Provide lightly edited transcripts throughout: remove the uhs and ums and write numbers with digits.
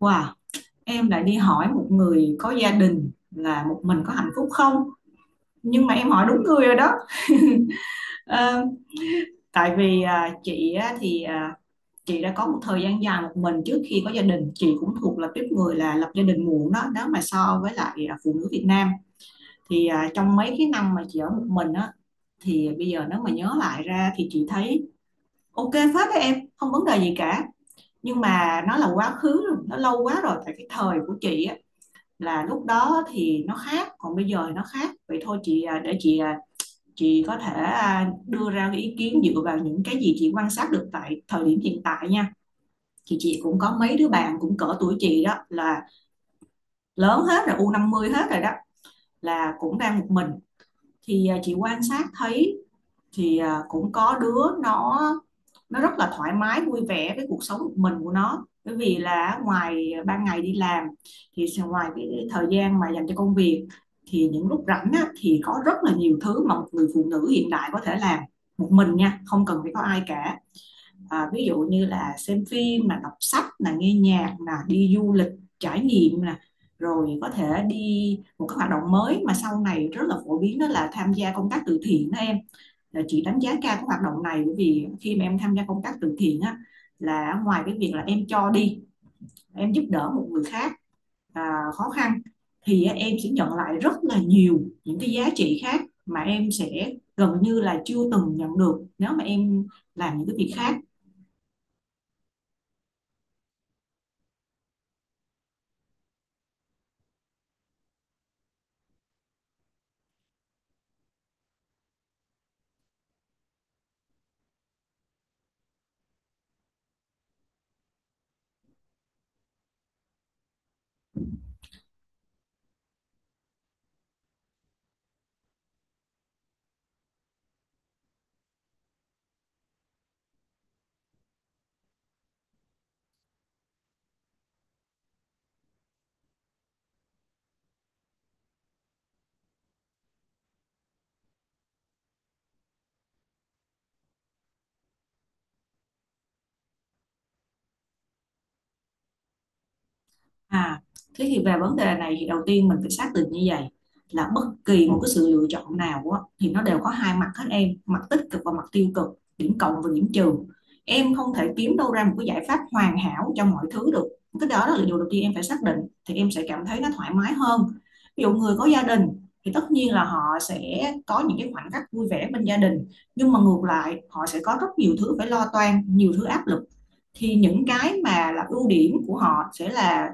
Wow, em lại đi hỏi một người có gia đình là một mình có hạnh phúc không? Nhưng mà em hỏi đúng người rồi đó. Ờ, tại vì chị á, chị đã có một thời gian dài một mình trước khi có gia đình. Chị cũng thuộc là tiếp người là lập gia đình muộn đó. Nếu mà so với lại phụ nữ Việt Nam thì trong mấy cái năm mà chị ở một mình á thì bây giờ nếu mà nhớ lại ra thì chị thấy ok phết đấy em, không vấn đề gì cả. Nhưng mà nó là quá khứ rồi, nó lâu quá rồi. Tại cái thời của chị á là lúc đó thì nó khác, còn bây giờ thì nó khác, vậy thôi chị để chị chị có thể đưa ra cái ý kiến dựa vào những cái gì chị quan sát được tại thời điểm hiện tại nha. Thì chị cũng có mấy đứa bạn cũng cỡ tuổi chị đó, là lớn hết rồi, u 50 hết rồi đó, là cũng đang một mình. Thì chị quan sát thấy thì cũng có đứa nó rất là thoải mái vui vẻ với cuộc sống một mình của nó, bởi vì là ngoài ban ngày đi làm, thì ngoài cái thời gian mà dành cho công việc, thì những lúc rảnh á, thì có rất là nhiều thứ mà một người phụ nữ hiện đại có thể làm một mình nha, không cần phải có ai cả. Ví dụ như là xem phim, là đọc sách, là nghe nhạc, là đi du lịch trải nghiệm nè, rồi có thể đi một cái hoạt động mới mà sau này rất là phổ biến, đó là tham gia công tác từ thiện đó em. Ờ, chị đánh giá cao cái hoạt động này bởi vì khi mà em tham gia công tác từ thiện á, là ngoài cái việc là em cho đi, em giúp đỡ một người khác khó khăn, thì em sẽ nhận lại rất là nhiều những cái giá trị khác mà em sẽ gần như là chưa từng nhận được nếu mà em làm những cái việc khác. À, thế thì về vấn đề này thì đầu tiên mình phải xác định như vậy, là bất kỳ một cái sự lựa chọn nào á, thì nó đều có hai mặt hết em, mặt tích cực và mặt tiêu cực, điểm cộng và điểm trừ. Em không thể kiếm đâu ra một cái giải pháp hoàn hảo cho mọi thứ được. Cái đó là điều đầu tiên em phải xác định, thì em sẽ cảm thấy nó thoải mái hơn. Ví dụ người có gia đình thì tất nhiên là họ sẽ có những cái khoảnh khắc vui vẻ bên gia đình, nhưng mà ngược lại họ sẽ có rất nhiều thứ phải lo toan, nhiều thứ áp lực. Thì những cái mà là ưu điểm của họ sẽ là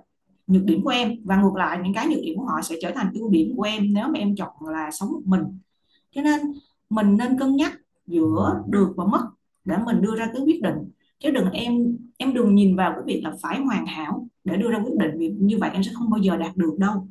nhược điểm của em, và ngược lại những cái nhược điểm của họ sẽ trở thành ưu điểm của em nếu mà em chọn là sống một mình. Cho nên mình nên cân nhắc giữa được và mất để mình đưa ra cái quyết định, chứ đừng, em đừng nhìn vào cái việc là phải hoàn hảo để đưa ra quyết định, vì như vậy em sẽ không bao giờ đạt được đâu.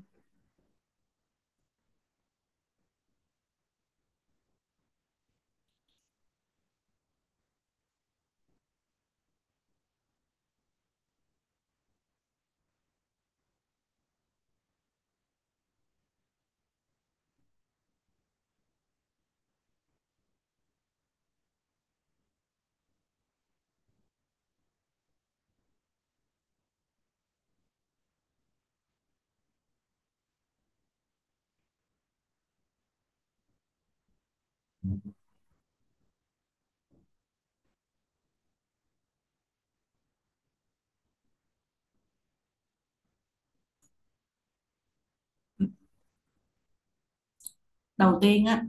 Đầu tiên á,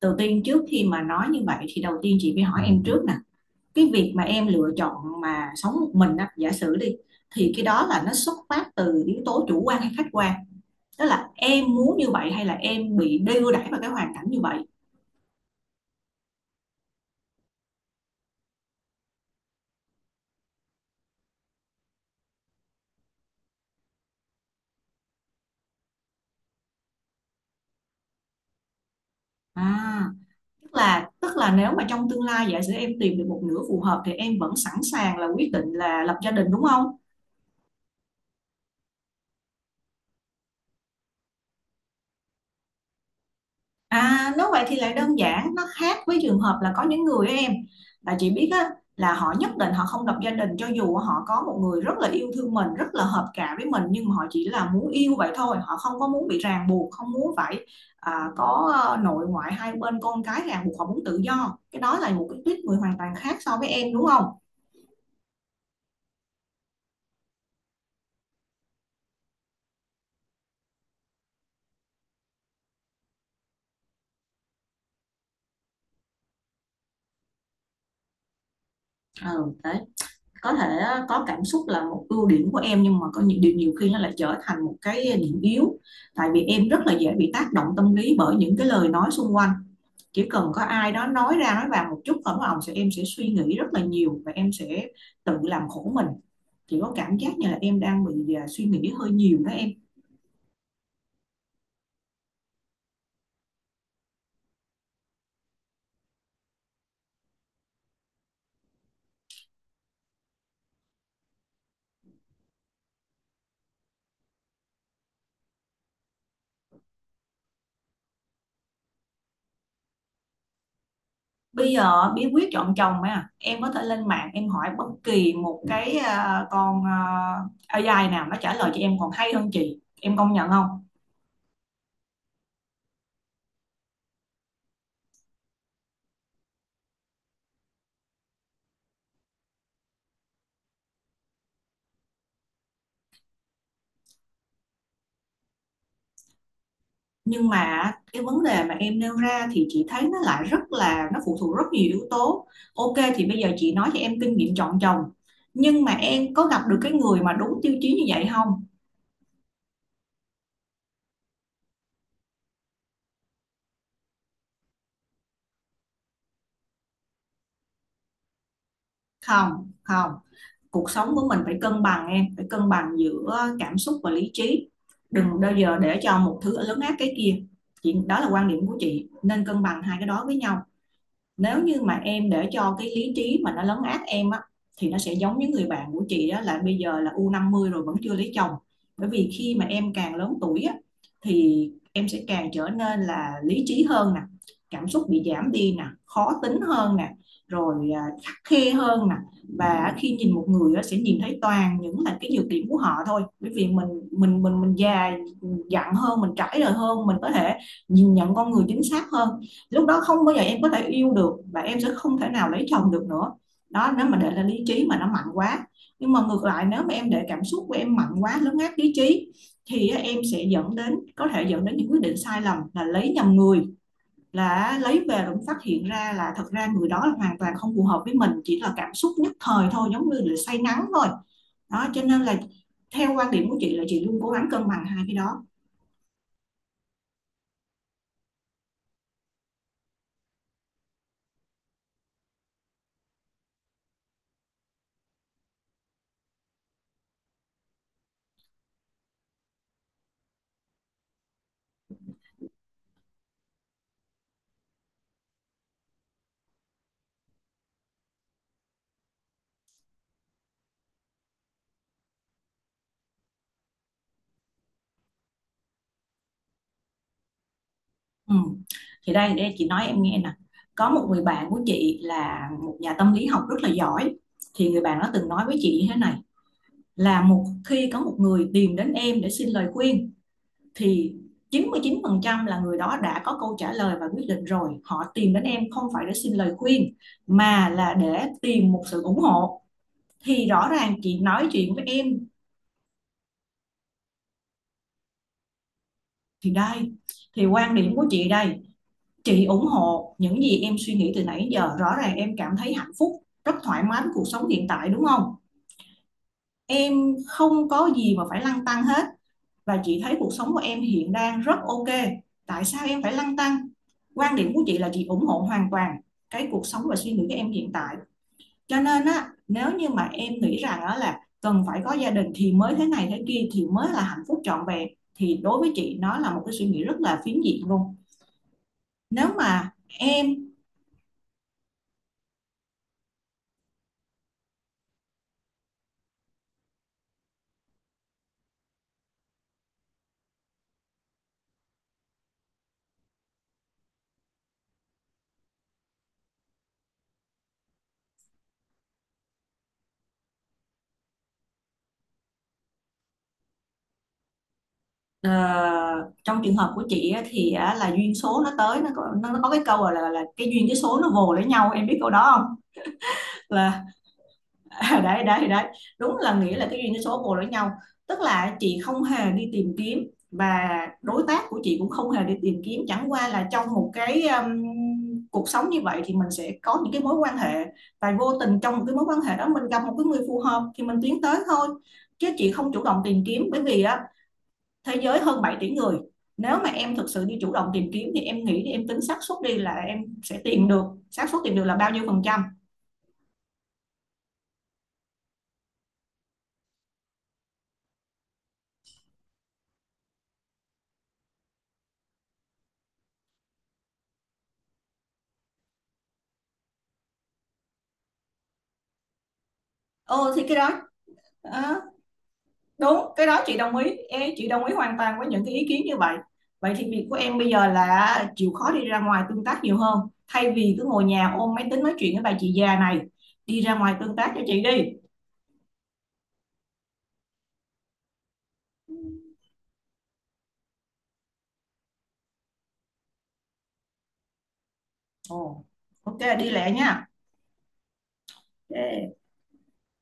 đầu tiên trước khi mà nói như vậy thì đầu tiên chị phải hỏi em trước nè, cái việc mà em lựa chọn mà sống một mình á, giả sử đi, thì cái đó là nó xuất phát từ yếu tố chủ quan hay khách quan, tức là em muốn như vậy hay là em bị đưa đẩy vào cái hoàn cảnh như vậy. À, tức là nếu mà trong tương lai giả sử em tìm được một nửa phù hợp thì em vẫn sẵn sàng là quyết định là lập gia đình đúng không? À, nếu vậy thì lại đơn giản, nó khác với trường hợp là có những người á em, là chị biết á, là họ nhất định họ không lập gia đình cho dù họ có một người rất là yêu thương mình, rất là hợp cả với mình, nhưng mà họ chỉ là muốn yêu vậy thôi, họ không có muốn bị ràng buộc, không muốn phải có nội ngoại hai bên con cái ràng buộc, họ muốn tự do. Cái đó là một cái tuýp người hoàn toàn khác so với em đúng không? Ừ, đấy. Có thể có cảm xúc là một ưu điểm của em, nhưng mà có những điều nhiều khi nó lại trở thành một cái điểm yếu, tại vì em rất là dễ bị tác động tâm lý bởi những cái lời nói xung quanh. Chỉ cần có ai đó nói ra nói vào một chút ổng ổng sẽ em sẽ suy nghĩ rất là nhiều, và em sẽ tự làm khổ mình. Chỉ có cảm giác như là em đang bị suy nghĩ hơi nhiều đó em. Bây giờ bí quyết chọn chồng mà em có thể lên mạng em hỏi bất kỳ một cái AI nào, nó trả lời cho em còn hay hơn chị, em công nhận không? Nhưng mà cái vấn đề mà em nêu ra thì chị thấy nó lại rất là, nó phụ thuộc rất nhiều yếu tố. Ok thì bây giờ chị nói cho em kinh nghiệm chọn chồng, nhưng mà em có gặp được cái người mà đúng tiêu chí như vậy không? Không, cuộc sống của mình phải cân bằng, em phải cân bằng giữa cảm xúc và lý trí, đừng bao giờ để cho một thứ lớn áp cái kia. Chị, đó là quan điểm của chị, nên cân bằng hai cái đó với nhau. Nếu như mà em để cho cái lý trí mà nó lấn át em á, thì nó sẽ giống những người bạn của chị đó, là bây giờ là u 50 rồi vẫn chưa lấy chồng. Bởi vì khi mà em càng lớn tuổi á, thì em sẽ càng trở nên là lý trí hơn nè, cảm xúc bị giảm đi nè, khó tính hơn nè, rồi khắt khe hơn nè, và khi nhìn một người á, sẽ nhìn thấy toàn những là cái nhược điểm của họ thôi, bởi vì mình già dặn hơn, mình trải đời hơn, mình có thể nhìn nhận con người chính xác hơn. Lúc đó không bao giờ em có thể yêu được, và em sẽ không thể nào lấy chồng được nữa, đó nếu mà để là lý trí mà nó mạnh quá. Nhưng mà ngược lại nếu mà em để cảm xúc của em mạnh quá lấn át lý trí, thì em sẽ dẫn đến, có thể dẫn đến những quyết định sai lầm là lấy nhầm người, là lấy về rồi cũng phát hiện ra là thật ra người đó là hoàn toàn không phù hợp với mình, chỉ là cảm xúc nhất thời thôi, giống như là say nắng thôi. Đó cho nên là theo quan điểm của chị là chị luôn cố gắng cân bằng hai cái đó. Ừ. Thì đây đây, chị nói em nghe nè, có một người bạn của chị là một nhà tâm lý học rất là giỏi, thì người bạn đó từng nói với chị như thế này, là một khi có một người tìm đến em để xin lời khuyên, thì chín 99% là người đó đã có câu trả lời và quyết định rồi, họ tìm đến em không phải để xin lời khuyên mà là để tìm một sự ủng hộ. Thì rõ ràng chị nói chuyện với em, thì đây, thì quan điểm của chị đây. Chị ủng hộ những gì em suy nghĩ từ nãy giờ, rõ ràng em cảm thấy hạnh phúc, rất thoải mái với cuộc sống hiện tại đúng không? Em không có gì mà phải lăn tăn hết, và chị thấy cuộc sống của em hiện đang rất ok. Tại sao em phải lăn tăn? Quan điểm của chị là chị ủng hộ hoàn toàn cái cuộc sống và suy nghĩ của em hiện tại. Cho nên á, nếu như mà em nghĩ rằng á là cần phải có gia đình thì mới thế này thế kia thì mới là hạnh phúc trọn vẹn, thì đối với chị nó là một cái suy nghĩ rất là phiến diện luôn. Nếu mà em. Ờ, trong trường hợp của chị á, thì á, là duyên số nó tới, nó có cái câu là cái duyên cái số nó vồ lấy nhau, em biết câu đó không? Là đấy đấy đấy, đúng là nghĩa là cái duyên cái số vồ lấy nhau, tức là chị không hề đi tìm kiếm, và đối tác của chị cũng không hề đi tìm kiếm, chẳng qua là trong một cái cuộc sống như vậy thì mình sẽ có những cái mối quan hệ, và vô tình trong một cái mối quan hệ đó mình gặp một cái người phù hợp thì mình tiến tới thôi, chứ chị không chủ động tìm kiếm. Bởi vì á, thế giới hơn 7 tỷ người, nếu mà em thực sự đi chủ động tìm kiếm thì em nghĩ, thì em tính xác suất đi, là em sẽ tìm được. Xác suất tìm được là bao nhiêu phần trăm? Ừ thì cái đó, ờ, đúng, cái đó chị đồng ý. Ê, chị đồng ý hoàn toàn với những cái ý kiến như vậy, vậy thì việc của em bây giờ là chịu khó đi ra ngoài tương tác nhiều hơn, thay vì cứ ngồi nhà ôm máy tính nói chuyện với bà chị già này, đi ra ngoài tương tác cho chị đi. Ồ, ok, đi lẹ nha. Ok.